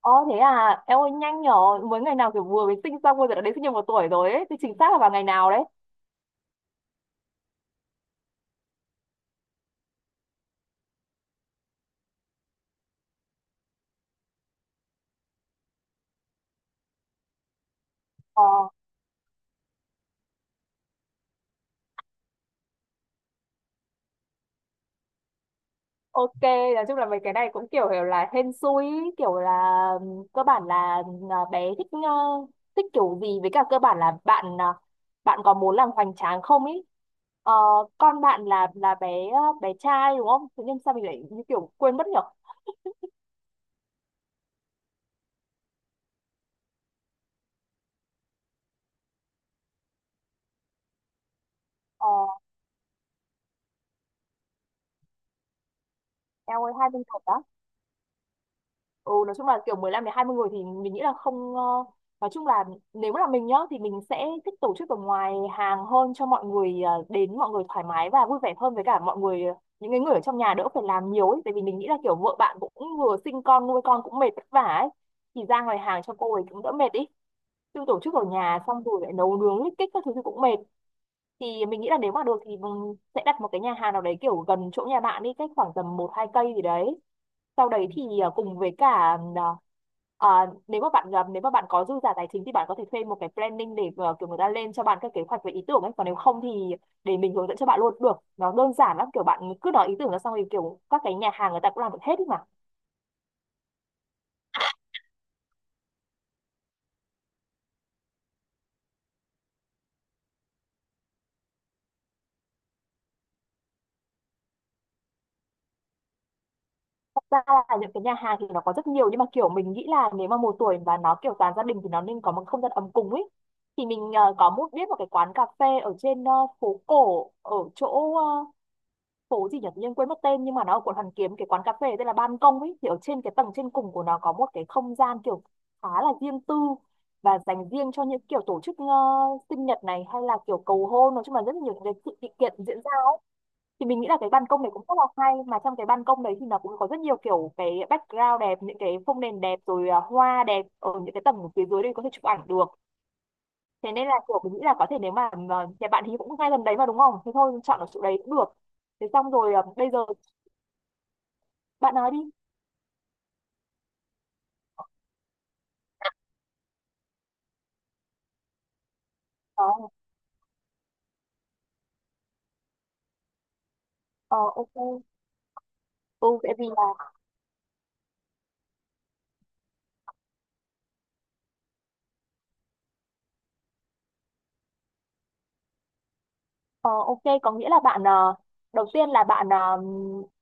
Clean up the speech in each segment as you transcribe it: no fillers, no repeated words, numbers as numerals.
Ồ thế à, em ơi nhanh nhỏ, mới ngày nào kiểu vừa mới sinh xong bây giờ đã đến sinh nhật một tuổi rồi ấy, thì chính xác là vào ngày nào đấy. Ờ, ok, nói chung là mấy cái này cũng kiểu là hên xui, ý, kiểu là cơ bản là bé thích thích kiểu gì với cả cơ bản là bạn bạn có muốn làm hoành tráng không ý. Ờ, con bạn là bé bé trai đúng không? Tự nhiên sao mình lại như kiểu quên mất nhở? Ờ, em ơi hai bên thật á. Ừ, nói chung là kiểu 15 đến 20 người thì mình nghĩ là không ờ, nói chung là nếu là mình nhá thì mình sẽ thích tổ chức ở ngoài hàng hơn cho mọi người đến mọi người thoải mái và vui vẻ hơn với cả mọi người những cái người ở trong nhà đỡ phải làm nhiều ấy, tại vì mình nghĩ là kiểu vợ bạn cũng vừa sinh con nuôi con cũng mệt vất vả ấy, thì ra ngoài hàng cho cô ấy cũng đỡ mệt ý, chứ tổ chức ở nhà xong rồi lại nấu nướng lít kích các thứ thì cũng mệt. Thì mình nghĩ là nếu mà được thì mình sẽ đặt một cái nhà hàng nào đấy kiểu gần chỗ nhà bạn đi, cách khoảng tầm một hai cây gì đấy, sau đấy thì cùng với cả à, nếu mà bạn, nếu mà bạn có dư giả tài chính thì bạn có thể thuê một cái planning để kiểu người ta lên cho bạn các kế hoạch về ý tưởng ấy, còn nếu không thì để mình hướng dẫn cho bạn luôn cũng được, nó đơn giản lắm, kiểu bạn cứ nói ý tưởng ra xong thì kiểu các cái nhà hàng người ta cũng làm được hết ý mà. Thật ra là những cái nhà hàng thì nó có rất nhiều, nhưng mà kiểu mình nghĩ là nếu mà một tuổi và nó kiểu toàn gia đình thì nó nên có một không gian ấm cúng ấy. Thì mình có một biết một cái quán cà phê ở trên phố cổ ở chỗ, phố gì nhỉ, tự nhiên quên mất tên, nhưng mà nó ở quận Hoàn Kiếm, cái quán cà phê tên là Ban Công ấy, thì ở trên cái tầng trên cùng của nó có một cái không gian kiểu khá là riêng tư và dành riêng cho những kiểu tổ chức sinh nhật này hay là kiểu cầu hôn, nói chung là rất là nhiều những cái sự sự kiện diễn ra. Thì mình nghĩ là cái ban công đấy cũng rất là hay, mà trong cái ban công đấy thì nó cũng có rất nhiều kiểu cái background đẹp, những cái phông nền đẹp rồi hoa đẹp, ở những cái tầng phía dưới đây có thể chụp ảnh được. Thế nên là kiểu mình nghĩ là có thể, nếu mà nhà bạn thì cũng ngay gần đấy mà đúng không, thế thôi chọn ở chỗ đấy cũng được. Thế xong rồi, bây giờ Bạn nói đi. Ờ, ờ, ok. Ừ, tại vì là ờ, ok, có nghĩa là bạn, đầu tiên là bạn,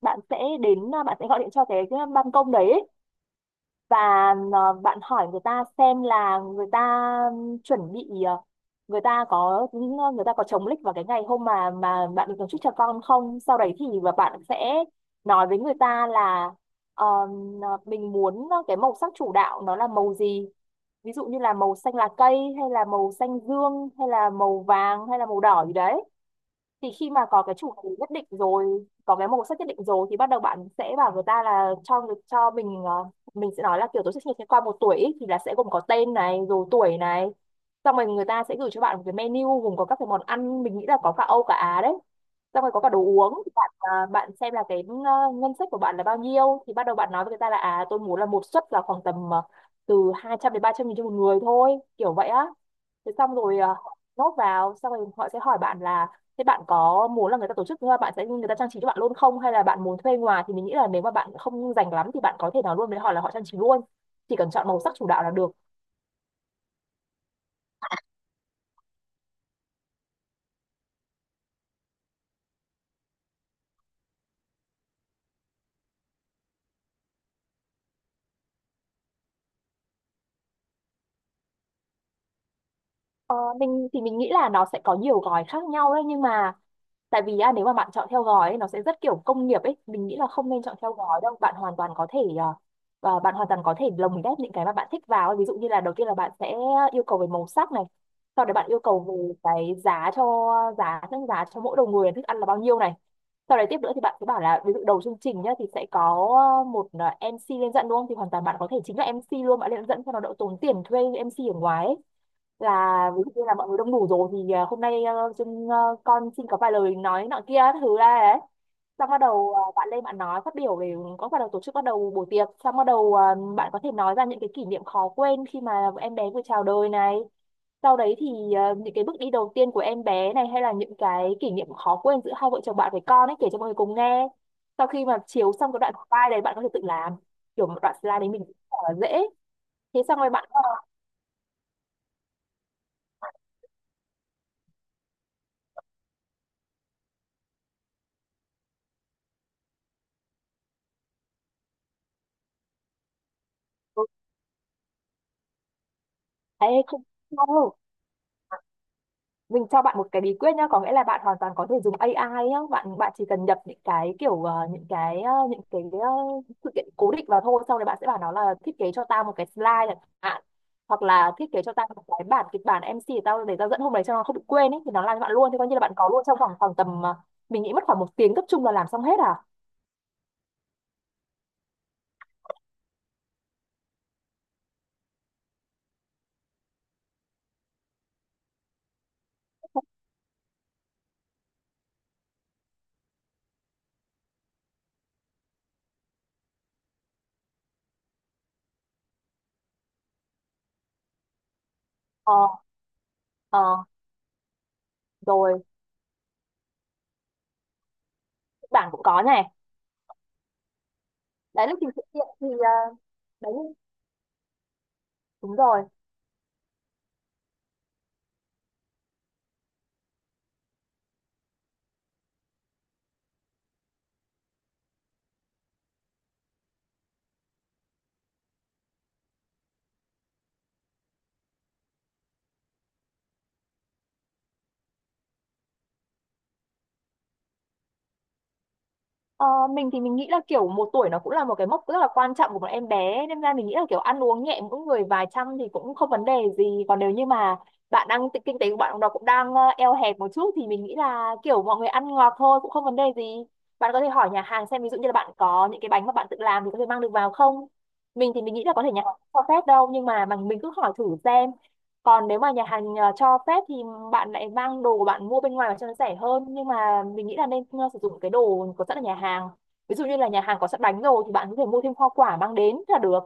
bạn sẽ đến bạn sẽ gọi điện cho cái ban công đấy, và bạn hỏi người ta xem là người ta chuẩn bị à, người ta có người ta có chống lịch vào cái ngày hôm mà bạn được tổ chức cho con không. Sau đấy thì và bạn sẽ nói với người ta là ờ, mình muốn cái màu sắc chủ đạo nó là màu gì, ví dụ như là màu xanh lá cây hay là màu xanh dương hay là màu vàng hay là màu đỏ gì đấy. Thì khi mà có cái chủ đề nhất định rồi, có cái màu sắc nhất định rồi, thì bắt đầu bạn sẽ bảo người ta là cho cho mình mình sẽ nói là kiểu tôi sẽ sinh nhật qua một tuổi ý, thì là sẽ gồm có tên này rồi tuổi này. Xong rồi người ta sẽ gửi cho bạn một cái menu gồm có các cái món ăn, mình nghĩ là có cả Âu cả Á đấy, xong rồi có cả đồ uống. Thì bạn bạn xem là cái ngân sách của bạn là bao nhiêu, thì bắt đầu bạn nói với người ta là à, tôi muốn là một suất là khoảng tầm từ 200 đến 300 nghìn cho một người thôi, kiểu vậy á. Thế xong rồi, nốt vào xong rồi họ sẽ hỏi bạn là thế bạn có muốn là người ta tổ chức bạn sẽ người ta trang trí cho bạn luôn không, hay là bạn muốn thuê ngoài. Thì mình nghĩ là nếu mà bạn không rành lắm thì bạn có thể nào luôn với họ là họ trang trí luôn, chỉ cần chọn màu sắc chủ đạo là được. Ờ, mình thì mình nghĩ là nó sẽ có nhiều gói khác nhau đấy, nhưng mà tại vì nếu mà bạn chọn theo gói ấy, nó sẽ rất kiểu công nghiệp ấy, mình nghĩ là không nên chọn theo gói đâu, bạn hoàn toàn có thể bạn hoàn toàn có thể lồng ghép những cái mà bạn thích vào ấy. Ví dụ như là đầu tiên là bạn sẽ yêu cầu về màu sắc này, sau đấy bạn yêu cầu về cái giá giá cho mỗi đầu người là thức ăn là bao nhiêu này. Sau đấy tiếp nữa thì bạn cứ bảo là ví dụ đầu chương trình nhá thì sẽ có một MC lên dẫn đúng không, thì hoàn toàn bạn có thể chính là MC luôn, bạn lên dẫn cho nó đỡ tốn tiền thuê MC ở ngoài ấy. Là ví dụ như là mọi người đông đủ rồi thì hôm nay con xin có vài lời nói nọ kia các thứ ra đấy. Xong bắt đầu bạn lên bạn nói phát biểu về có bắt đầu tổ chức, bắt đầu buổi tiệc. Xong bắt đầu bạn có thể nói ra những cái kỷ niệm khó quên khi mà em bé vừa chào đời này, sau đấy thì những cái bước đi đầu tiên của em bé này, hay là những cái kỷ niệm khó quên giữa hai vợ chồng bạn với con ấy, kể cho mọi người cùng nghe. Sau khi mà chiếu xong cái đoạn slide đấy, bạn có thể tự làm kiểu một đoạn slide đấy mình cũng rất là dễ. Thế xong rồi bạn ờ, thấy không, mình cho bạn một cái bí quyết nhá, có nghĩa là bạn hoàn toàn có thể dùng AI nhá. Bạn bạn chỉ cần nhập những cái kiểu sự kiện cố định vào thôi, sau đấy bạn sẽ bảo nó là thiết kế cho tao một cái slide chẳng hạn, hoặc là thiết kế cho tao một cái bản kịch bản MC để tao dẫn hôm đấy cho nó không bị quên ấy, thì nó làm cho bạn luôn, thì coi như là bạn có luôn trong vòng khoảng tầm mình nghĩ mất khoảng một tiếng cấp trung là làm xong hết à. Ờ, ờ, rồi, kịch bản cũng có này, đấy là trình sự kiện thì đấy, đúng rồi. Ờ, mình thì mình nghĩ là kiểu một tuổi nó cũng là một cái mốc rất là quan trọng của một em bé, nên ra mình nghĩ là kiểu ăn uống nhẹ mỗi người vài trăm thì cũng không vấn đề gì. Còn nếu như mà bạn đang kinh tế của bạn nó cũng đang eo hẹp một chút, thì mình nghĩ là kiểu mọi người ăn ngọt thôi cũng không vấn đề gì. Bạn có thể hỏi nhà hàng xem, ví dụ như là bạn có những cái bánh mà bạn tự làm thì có thể mang được vào không. Mình thì mình nghĩ là có thể nhà hàng không cho phép đâu, nhưng mà mình cứ hỏi thử xem. Còn nếu mà nhà hàng cho phép thì bạn lại mang đồ của bạn mua bên ngoài và cho nó rẻ hơn, nhưng mà mình nghĩ là nên sử dụng cái đồ có sẵn ở nhà hàng, ví dụ như là nhà hàng có sẵn bánh rồi thì bạn có thể mua thêm hoa quả mang đến là được.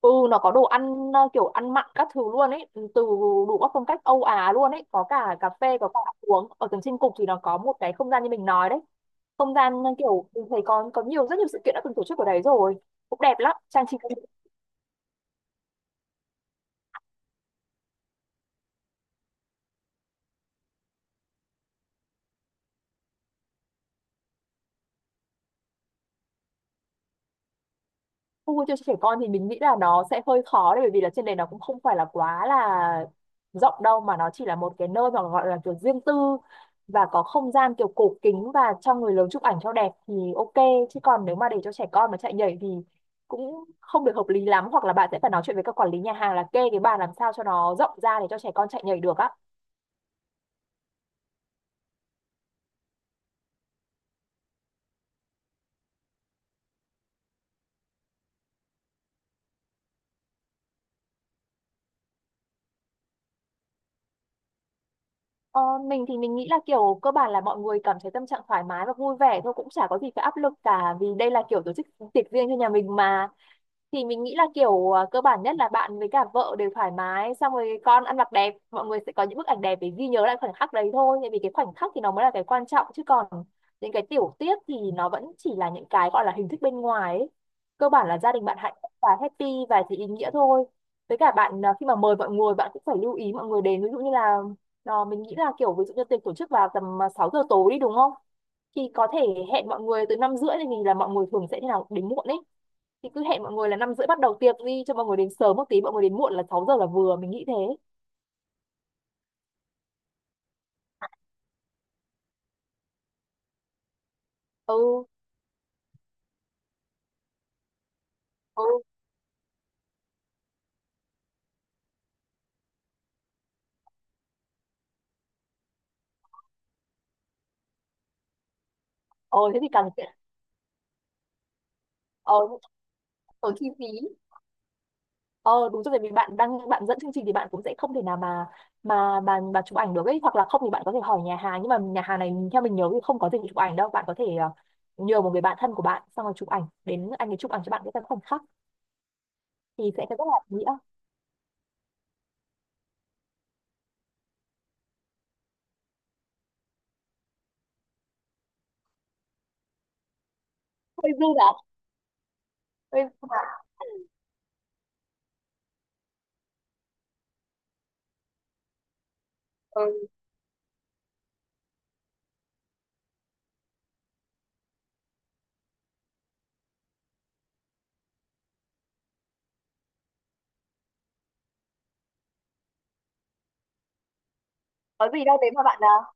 Ừ, nó có đồ ăn kiểu ăn mặn các thứ luôn ấy. Ừ, từ đủ các phong cách Âu Á luôn ấy, có cả cà phê có cả ăn uống, ở tầng trên cục thì nó Có một cái không gian như mình nói đấy. Không gian, kiểu mình thấy có nhiều rất nhiều sự kiện đã từng tổ chức ở đấy rồi, cũng đẹp lắm trang trí. Phục vụ cho trẻ con thì mình nghĩ là nó sẽ hơi khó đấy, bởi vì là trên đấy nó cũng không phải là quá là rộng đâu, mà nó chỉ là một cái nơi mà gọi là kiểu riêng tư, và có không gian kiểu cổ kính và cho người lớn chụp ảnh cho đẹp thì ok. Chứ còn nếu mà để cho trẻ con mà chạy nhảy thì cũng không được hợp lý lắm, hoặc là bạn sẽ phải nói chuyện với các quản lý nhà hàng là kê cái bàn làm sao cho nó rộng ra để cho trẻ con chạy nhảy được á. Ờ, mình thì mình nghĩ là kiểu cơ bản là mọi người cảm thấy tâm trạng thoải mái và vui vẻ thôi, cũng chả có gì phải áp lực cả, vì đây là kiểu tổ chức tiệc riêng cho nhà mình mà. Thì mình nghĩ là kiểu cơ bản nhất là bạn với cả vợ đều thoải mái, xong rồi con ăn mặc đẹp, mọi người sẽ có những bức ảnh đẹp để ghi nhớ lại khoảnh khắc đấy thôi, tại vì cái khoảnh khắc thì nó mới là cái quan trọng, chứ còn những cái tiểu tiết thì nó vẫn chỉ là những cái gọi là hình thức bên ngoài ấy. Cơ bản là gia đình bạn hạnh phúc và happy thì ý nghĩa thôi. Với cả bạn à, khi mà mời mọi người bạn cũng phải lưu ý mọi người đến, ví dụ như là mình nghĩ là kiểu ví dụ như tiệc tổ chức vào tầm 6 giờ tối đi đúng không, thì có thể hẹn mọi người từ 5 rưỡi, thì mình là mọi người thường sẽ thế nào đến muộn ấy, thì cứ hẹn mọi người là 5 rưỡi bắt đầu tiệc đi cho mọi người đến sớm một tí, mọi người đến muộn là 6 giờ là vừa, mình nghĩ thế. Ừ, ừ, ờ thế thì càng ờ tốn chi phí. Ờ đúng rồi, vì bạn dẫn chương trình thì bạn cũng sẽ không thể nào mà chụp ảnh được ấy, hoặc là không thì bạn có thể hỏi nhà hàng, nhưng mà nhà hàng này theo mình nhớ thì không có dịch vụ chụp ảnh đâu, bạn có thể nhờ một người bạn thân của bạn xong rồi chụp ảnh, đến anh ấy chụp ảnh cho bạn cái tấm khoảnh khắc thì sẽ rất là ý nghĩa. hơi dư giả Hơi dư dả. Ừ. Có gì đâu thế mà bạn nào.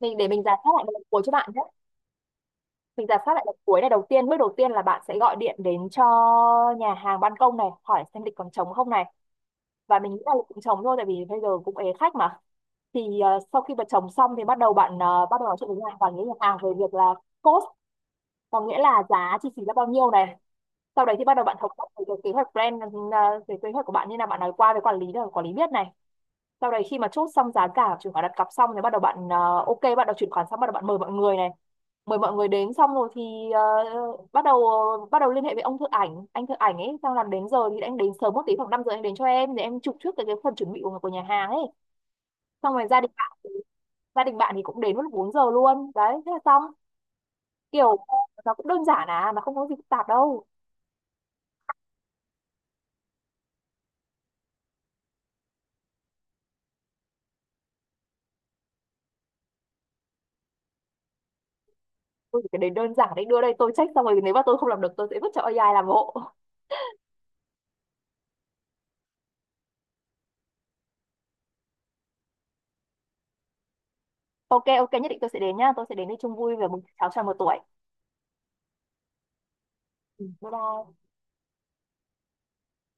Mình để mình giả soát lại một lần cuối cho bạn nhé, mình giả soát lại đợt cuối này. Đầu tiên, bước đầu tiên là bạn sẽ gọi điện đến cho nhà hàng ban công này hỏi xem lịch còn trống không này, và mình nghĩ là lịch cũng trống thôi tại vì bây giờ cũng ế khách mà. Thì sau khi mà trống xong thì bắt đầu bạn, bắt đầu nói chuyện với nhà hàng và với nhà hàng về việc là cost, có nghĩa là giá chi phí là bao nhiêu này. Sau đấy thì bắt đầu bạn thống nhất về cái kế hoạch brand, về kế hoạch của bạn, như là bạn nói qua với quản lý để quản lý biết này. Sau đấy khi mà chốt xong giá cả chuyển khoản đặt cọc xong thì bắt đầu bạn, ok, bắt đầu chuyển khoản xong bắt đầu bạn mời mọi người này, mời mọi người đến xong rồi thì bắt đầu liên hệ với ông thợ ảnh anh thợ ảnh ấy, xong làm đến giờ thì anh đến sớm một tí, khoảng 5 giờ anh đến cho em để em chụp trước cái phần chuẩn bị của nhà hàng ấy. Xong rồi gia đình bạn thì cũng đến lúc 4 giờ luôn đấy, thế là xong. Kiểu nó cũng đơn giản à, nó không có gì phức tạp đâu. Tôi chỉ cần đến đơn giản đấy, đưa đây tôi check xong rồi, nếu mà tôi không làm được tôi sẽ vứt cho AI làm hộ. Ok, ok, nhất định tôi sẽ đến nhá, tôi sẽ đến đây chung vui về mừng cháu tròn 1 tuổi. Ừ, bye bye.